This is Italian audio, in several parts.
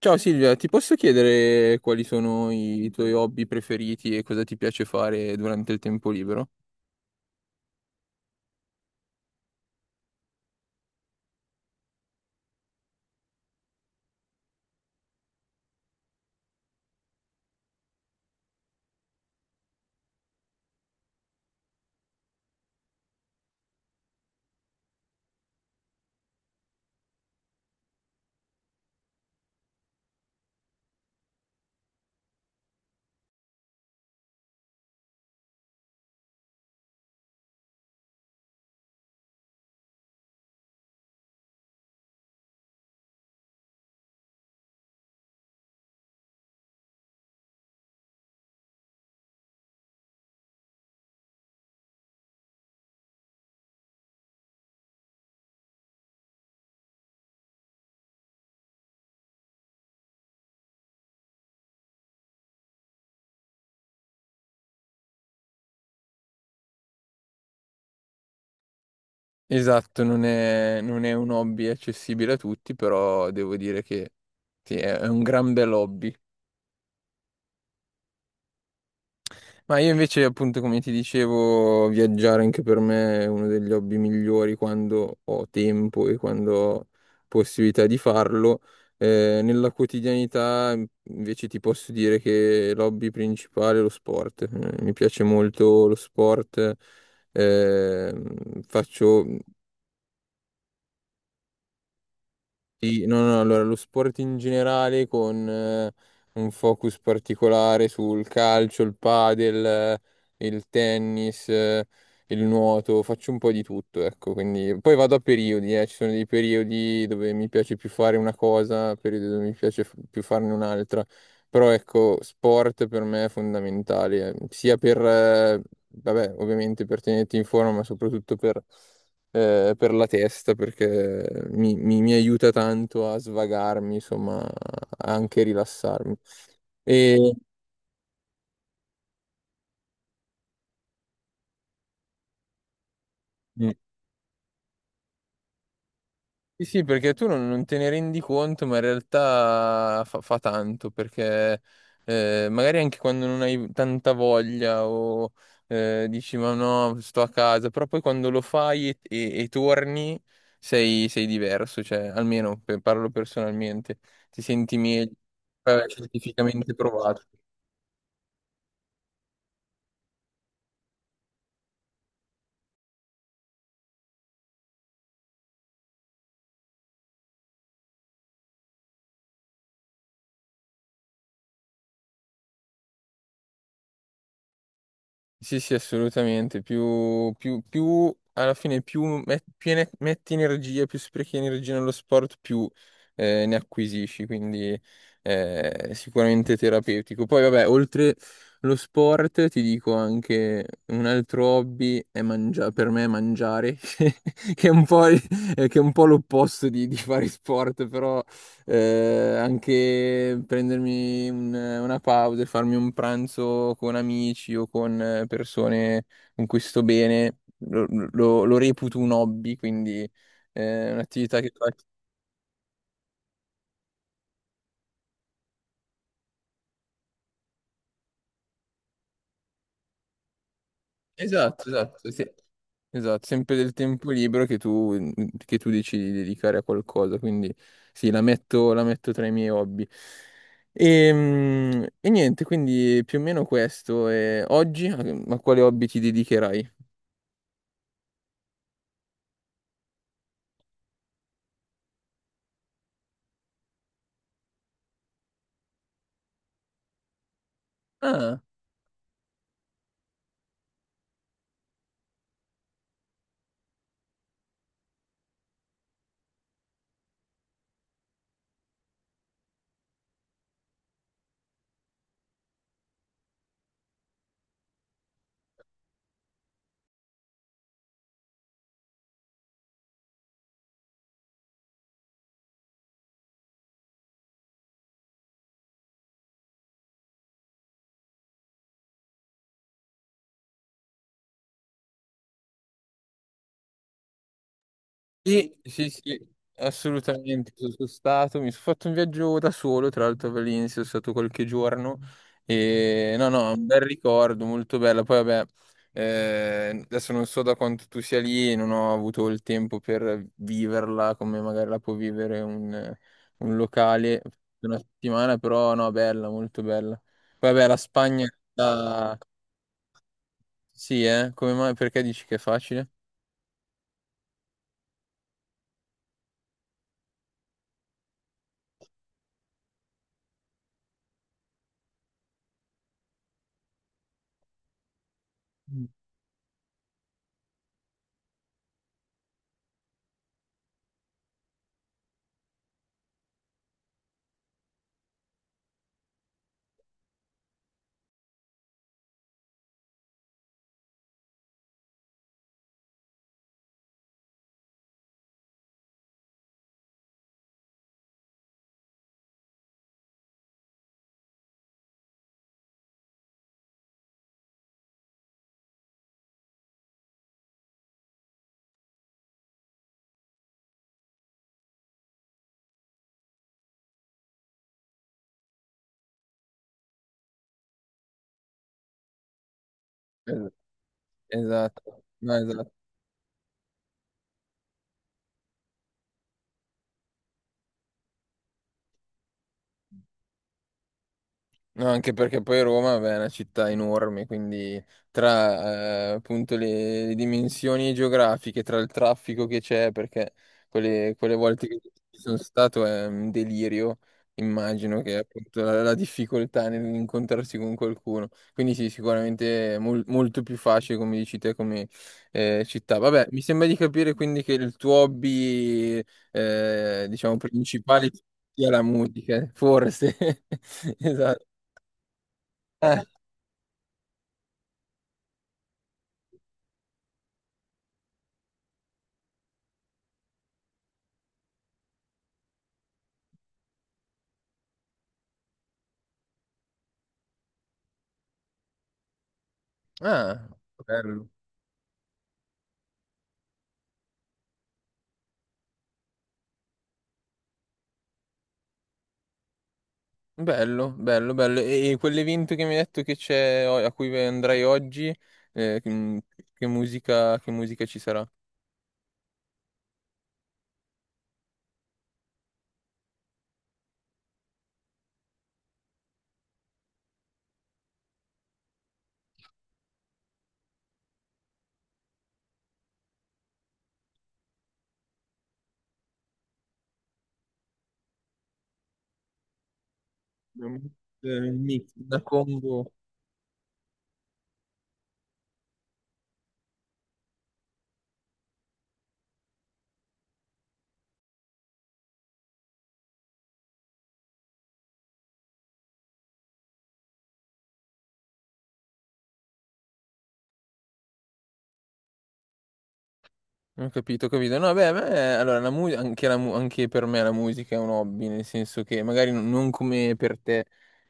Ciao Silvia, ti posso chiedere quali sono i tuoi hobby preferiti e cosa ti piace fare durante il tempo libero? Esatto, non è un hobby accessibile a tutti, però devo dire che sì, è un gran bel hobby. Ma io invece, appunto, come ti dicevo, viaggiare anche per me è uno degli hobby migliori quando ho tempo e quando ho possibilità di farlo. Nella quotidianità, invece, ti posso dire che l'hobby principale è lo sport. Mi piace molto lo sport. Eh, Faccio sì, no, allora lo sport in generale con un focus particolare sul calcio, il padel, il tennis, il nuoto, faccio un po' di tutto, ecco, quindi poi vado a periodi, ci sono dei periodi dove mi piace più fare una cosa, periodi dove mi piace più farne un'altra, però ecco, sport per me è fondamentale, sia per, vabbè, ovviamente per tenerti in forma, ma soprattutto per la testa perché mi aiuta tanto a svagarmi, insomma, a anche rilassarmi. E, Mm. Sì, sì, perché tu non te ne rendi conto, ma in realtà fa tanto, perché magari anche quando non hai tanta voglia o dici ma no, sto a casa, però poi quando lo fai e torni sei diverso, cioè almeno parlo personalmente, ti senti meglio, scientificamente provato. Sì, sì, assolutamente. Più alla fine, più, metti energia, più sprechi energia nello sport, più ne acquisisci. Quindi sicuramente terapeutico. Poi, vabbè, oltre lo sport, ti dico anche un altro hobby è mangiare, per me è mangiare, che è un po', che è un po' l'opposto di fare sport, però anche prendermi una pausa e farmi un pranzo con amici o con persone con cui sto bene, lo reputo un hobby, quindi è un'attività che faccio. Esatto, esatto, sì. Esatto, sempre del tempo libero che tu decidi di dedicare a qualcosa, quindi sì, la metto tra i miei hobby. E, niente, quindi più o meno questo. E oggi a quale hobby ti dedicherai? Ah. Sì, sì, sì, assolutamente. Sono stato, mi sono fatto un viaggio da solo, tra l'altro a Valencia, sono stato qualche giorno e no, no, un bel ricordo, molto bello. Poi vabbè, adesso non so da quanto tu sia lì, non ho avuto il tempo per viverla come magari la può vivere un locale per una settimana, però no, bella, molto bella. Poi vabbè, la Spagna, la- sì, come mai? Perché dici che è facile? Mm. Es- Esatto, no, esatto. No, anche perché poi Roma vabbè, è una città enorme, quindi tra appunto le dimensioni geografiche, tra il traffico che c'è, perché quelle volte che ci sono stato è un delirio, immagino che appunto la difficoltà nell'incontrarsi con qualcuno. Quindi sì, sicuramente è molto più facile, come dici te, come città. Vabbè, mi sembra di capire quindi che il tuo hobby, diciamo, principale sia la musica, forse. Esatto. Eh, ah, bello, bello, bello, bello. E quell'evento che mi hai detto che c'è, a cui andrai oggi, eh, che, che musica ci sarà? Un mix, un mix, una combo. Ho capito, ho capito. No, beh, a me, allora, anche per me la musica è un hobby, nel senso che magari non come per te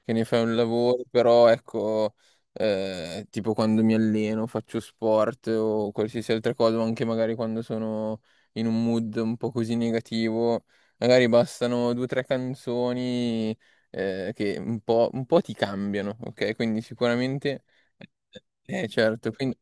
che ne fai un lavoro, però ecco, tipo quando mi alleno, faccio sport o qualsiasi altra cosa, o anche magari quando sono in un mood un po' così negativo, magari bastano due o tre canzoni, che un po' ti cambiano, ok? Quindi sicuramente... certo, quindi...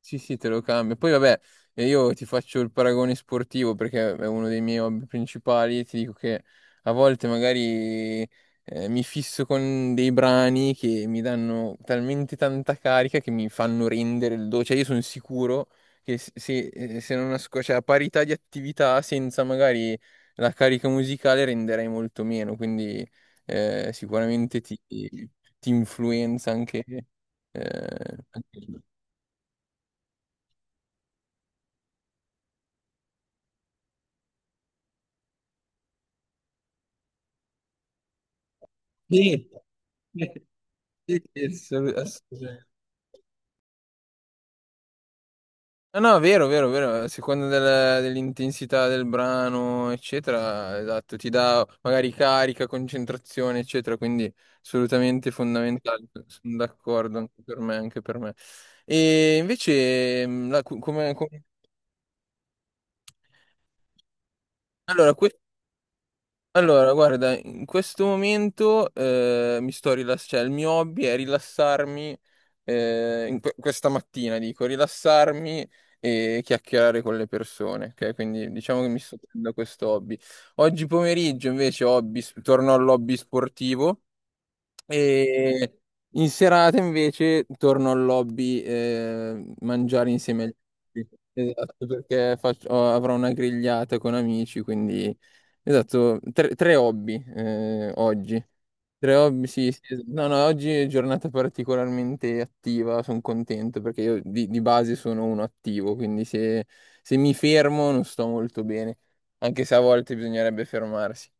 Sì, sì, te lo cambio. Poi vabbè, io ti faccio il paragone sportivo perché è uno dei miei hobby principali. Ti dico che a volte magari mi fisso con dei brani che mi danno talmente tanta carica che mi fanno rendere il do. Cioè, io sono sicuro che se non asco- cioè, a parità di attività, senza magari la carica musicale, renderei molto meno. Quindi sicuramente ti influenza anche. eh, anche Sì, sì, sì, assolutamente. No, no, vero, vero, vero, a seconda dell'intensità del brano, eccetera, esatto, ti dà magari carica, concentrazione, eccetera, quindi assolutamente fondamentale, sono d'accordo anche per me, anche per me. E invece, allora, allora, guarda, in questo momento mi sto rilassando, cioè il mio hobby è rilassarmi in questa mattina, dico, rilassarmi e chiacchierare con le persone, ok? Quindi diciamo che mi sto prendendo questo hobby. Oggi pomeriggio invece hobby, torno all'hobby sportivo e in serata invece torno al lobby mangiare insieme agli amici. Esatto, perché avrò una grigliata con amici, quindi esatto, tre, tre hobby oggi. Tre hobby, sì, sì, no, no, oggi è giornata particolarmente attiva, sono contento perché io di base sono uno attivo, quindi se mi fermo non sto molto bene, anche se a volte bisognerebbe fermarsi.